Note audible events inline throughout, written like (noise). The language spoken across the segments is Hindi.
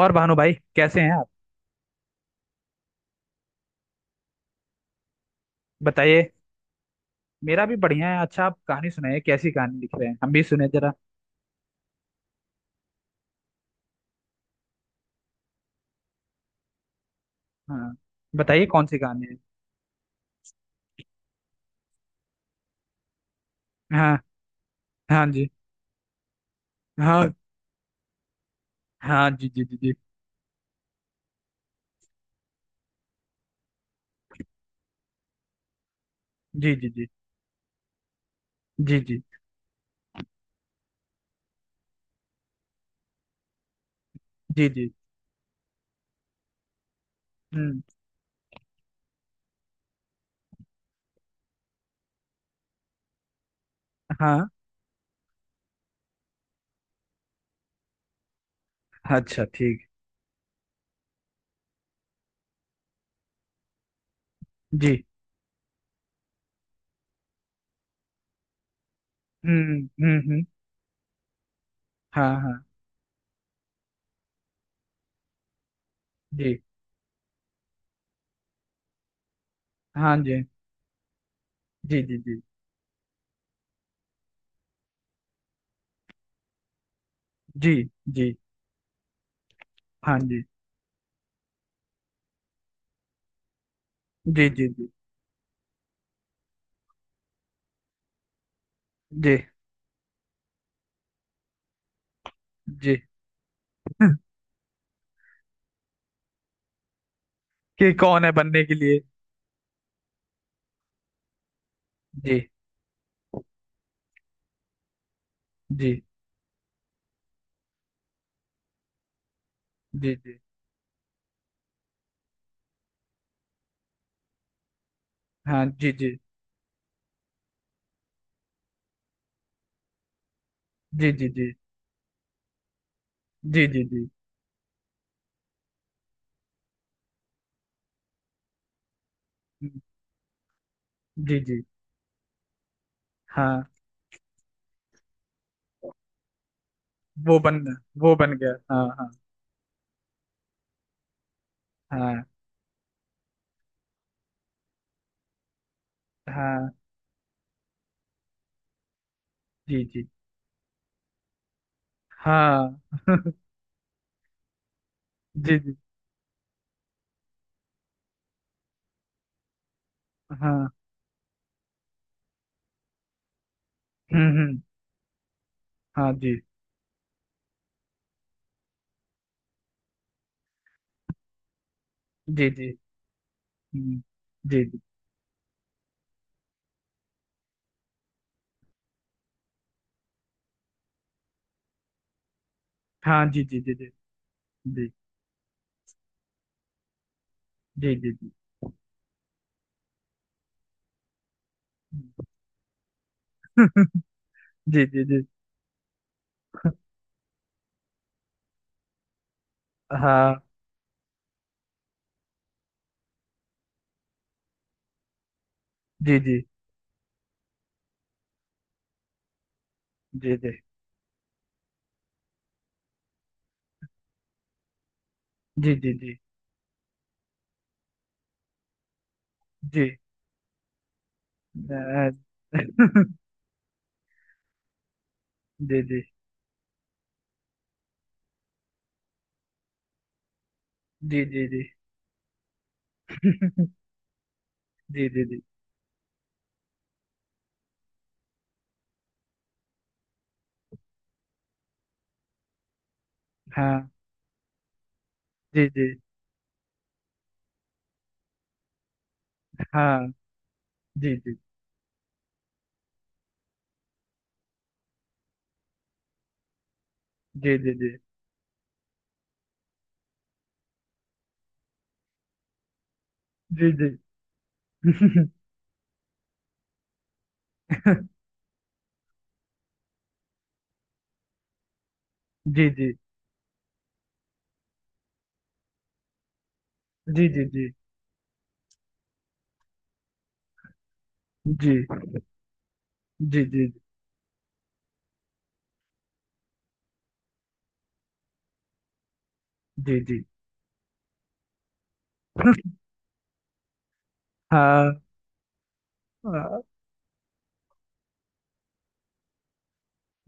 और भानु भाई, कैसे हैं आप? बताइए। मेरा भी बढ़िया है। अच्छा, आप कहानी सुनाइए। कैसी कहानी लिख रहे हैं? हम भी सुने जरा। हाँ। बताइए, कौन सी कहानी है? हाँ। हाँ जी। हाँ। हाँ जी जी जी जी। जी जी जी जी जी जी जी। हम्म। हाँ। अच्छा, ठीक। जी। हम्म हम्म। हम्म। हाँ। हाँ जी। हाँ जी जी जी जी। जी जी। हाँ जी जी जी जी जी जी। (laughs) कि कौन है बनने के लिए? जी जी जी जी। हाँ जी जी जी जी। जी जी जी जी जी जी। हाँ। वो बन वो बन गया, हाँ हाँ। हाँ। हाँ जी जी। हाँ। (laughs) जी जी। हाँ। हम्म। हाँ जी जी जी। हम्म, जी जी। हाँ जी जी जी जी जी जी जी। जी जी जी जी। हाँ जी जी जी जी। जी जी जी जी। अ, (laughs) जी जी जी जी जी। (laughs) जी जी जी। हाँ जी जी। हाँ जी जी जी जी। जी जी जी। (laughs) जी जी जी जी। जी जी जी जी जी जी। (laughs) हाँ। हाँ,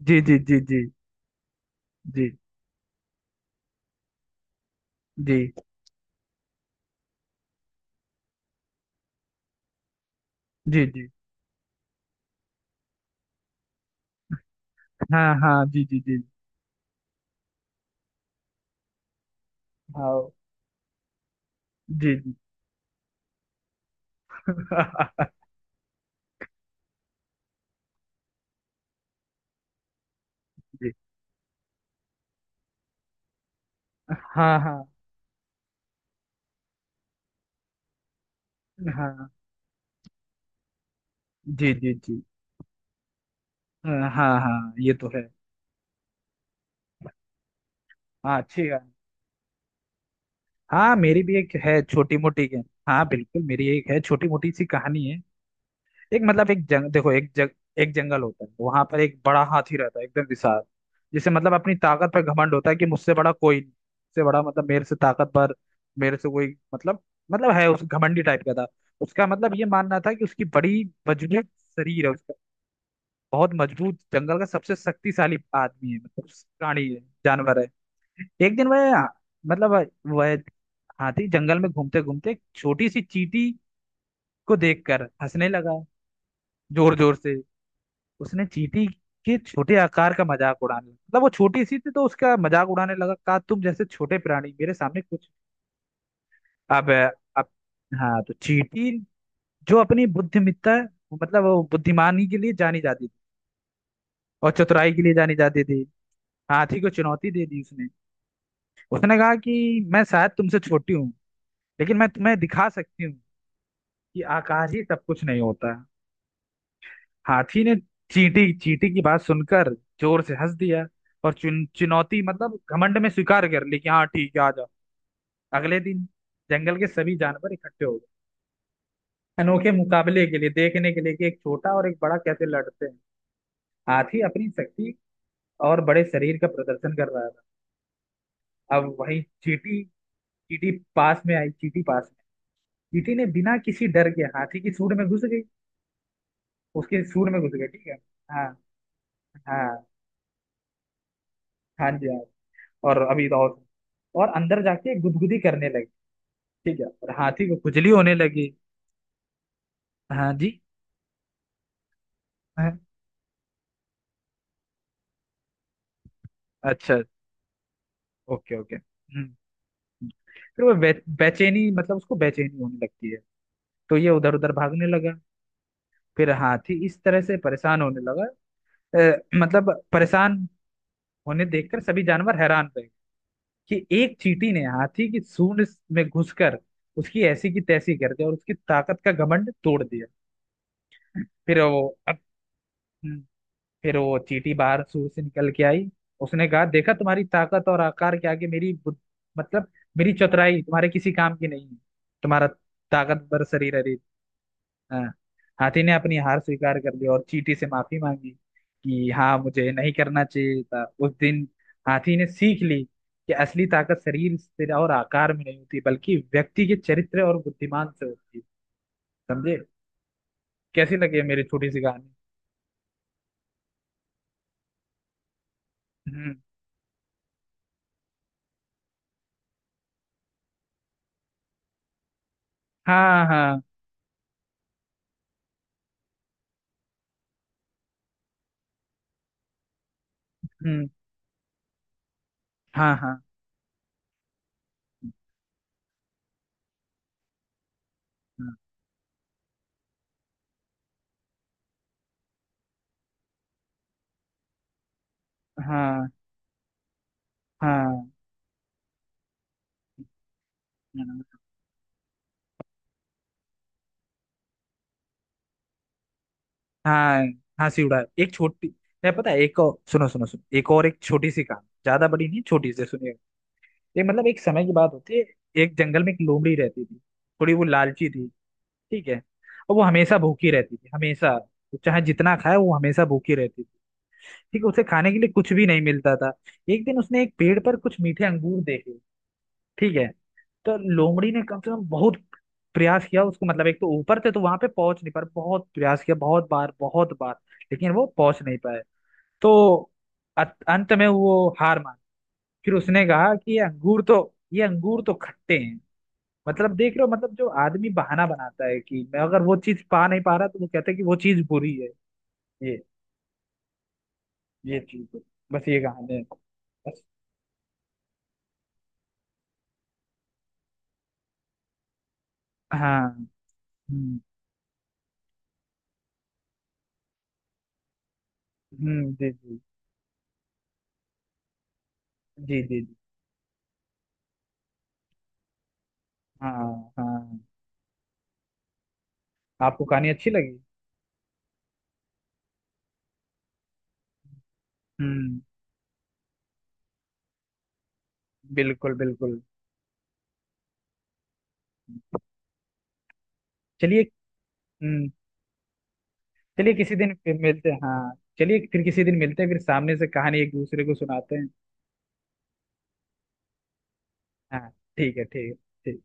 जी जी जी जी। जी जी जी जी। हाँ हाँ। जी जी जी। हाँ जी जी। (laughs) जी। हाँ। हाँ हाँ जी जी जी। हाँ। हाँ, ये तो है। हाँ, अच्छी कहानी। हाँ, मेरी भी एक है, छोटी मोटी। हाँ, बिल्कुल, मेरी एक है, छोटी मोटी सी कहानी है। एक, मतलब, एक जंग देखो, एक जंगल होता है। वहां पर एक बड़ा हाथी रहता है, एकदम विशाल। जिसे, मतलब, अपनी ताकत पर घमंड होता है कि मुझसे बड़ा कोई नहीं, मुझसे बड़ा मतलब मेरे से ताकतवर। मेरे से कोई, मतलब मतलब है, उस घमंडी टाइप का था। उसका मतलब ये मानना था कि उसकी बड़ी मजबूत शरीर है उसका। बहुत मजबूत, जंगल का सबसे शक्तिशाली आदमी है, मतलब प्राणी है, जानवर है। एक दिन वह, मतलब, वह हाथी जंगल में घूमते घूमते एक छोटी सी चींटी को देखकर हंसने लगा, जोर जोर से। उसने चींटी के छोटे आकार का मजाक उड़ाने लगा, मतलब वो छोटी सी थी तो उसका मजाक उड़ाने लगा। कहा, तुम जैसे छोटे प्राणी मेरे सामने कुछ, अब अब हाँ। तो चींटी, जो अपनी बुद्धिमत्ता, मतलब वो बुद्धिमानी के लिए जानी जाती थी और चतुराई के लिए जानी जाती थी, हाथी को चुनौती दे दी उसने। उसने कहा कि मैं शायद तुमसे छोटी हूँ, लेकिन मैं तुम्हें दिखा सकती हूँ कि आकाश ही सब कुछ नहीं होता। हाथी ने चींटी चींटी की बात सुनकर जोर से हंस दिया और चुनौती मतलब घमंड में स्वीकार कर ली कि हाँ, ठीक है, आ जाओ। अगले दिन जंगल के सभी जानवर इकट्ठे हो गए, अनोखे मुकाबले के लिए, देखने के लिए कि एक छोटा और एक बड़ा कैसे लड़ते हैं। हाथी अपनी शक्ति और बड़े शरीर का प्रदर्शन कर रहा था। अब वही चींटी चींटी पास में आई, चींटी पास में। चींटी ने बिना किसी डर के हाथी की सूंड में घुस गई, उसके सूंड में घुस गई, ठीक है। हाँ हाँ। हाँ जी, हाँ। और अभी तो और अंदर जाके गुदगुदी करने लगी। ठीक है, और हाथी को खुजली होने लगी। हाँ जी, हाँ। अच्छा, ओके ओके, हम्म। फिर वो बेचैनी मतलब उसको बेचैनी होने लगती है, तो ये उधर उधर भागने लगा। फिर हाथी इस तरह से परेशान होने लगा। मतलब परेशान होने देखकर सभी जानवर हैरान रहे कि एक चींटी ने हाथी की सूंड में घुसकर उसकी ऐसी की तैसी कर दी और उसकी ताकत का घमंड तोड़ दिया। फिर वो अब, हम्म। फिर वो चींटी बाहर सूर से निकल के आई। उसने कहा, देखा, तुम्हारी ताकत और आकार के आगे मेरी मतलब मेरी चतुराई तुम्हारे किसी काम की नहीं है। तुम्हारा ताकतवर शरीर, अरे। हाँ। हाथी ने अपनी हार स्वीकार कर ली और चींटी से माफी मांगी कि हाँ, मुझे नहीं करना चाहिए था उस दिन। हाथी ने सीख ली कि असली ताकत शरीर से और आकार में नहीं होती, बल्कि व्यक्ति के चरित्र और बुद्धिमान से होती है। समझे? कैसी लगी है मेरी छोटी सी कहानी? हम्म। हाँ हाँ। हम्म। हाँ हाँ। हाँ हाँ। हाँ। हाँ सिउड़ा है। एक छोटी, मैं पता है, एक और, सुनो सुनो सुनो, एक और, एक छोटी सी कहानी, ज्यादा बड़ी नहीं, छोटी सी, सुनिएगा। ये, मतलब, एक समय की बात होती है। एक जंगल में एक लोमड़ी रहती थी। थोड़ी वो लालची थी, ठीक है। और वो हमेशा भूखी रहती थी, हमेशा। चाहे जितना खाए वो हमेशा भूखी रहती थी, ठीक है। उसे खाने के लिए कुछ भी नहीं मिलता था। एक दिन उसने एक पेड़ पर कुछ मीठे अंगूर देखे, ठीक है। तो लोमड़ी ने कम से कम बहुत प्रयास किया उसको, मतलब एक तो ऊपर थे तो वहां पे पहुंच नहीं पाए, बहुत प्रयास किया, बहुत बार बहुत बार, लेकिन वो पहुंच नहीं पाए। तो अंत में वो हार मान, फिर उसने कहा कि ये अंगूर तो, ये अंगूर तो खट्टे हैं। मतलब देख रहे हो, मतलब जो आदमी बहाना बनाता है कि मैं अगर वो चीज पा नहीं पा रहा, तो वो कहता है कि वो चीज बुरी है। ये ये चीज है। बस, ये कहानी है। बस। हाँ। हम्म हम्म। जी जी जी जी जी। हाँ हाँ। आपको कहानी अच्छी लगी? हम्म। बिल्कुल बिल्कुल। चलिए। हम्म, चलिए किसी दिन फिर मिलते हैं, हाँ। चलिए, फिर किसी दिन मिलते हैं, फिर सामने से कहानी एक दूसरे को सुनाते हैं। हाँ। ठीक है, ठीक है। ठीक।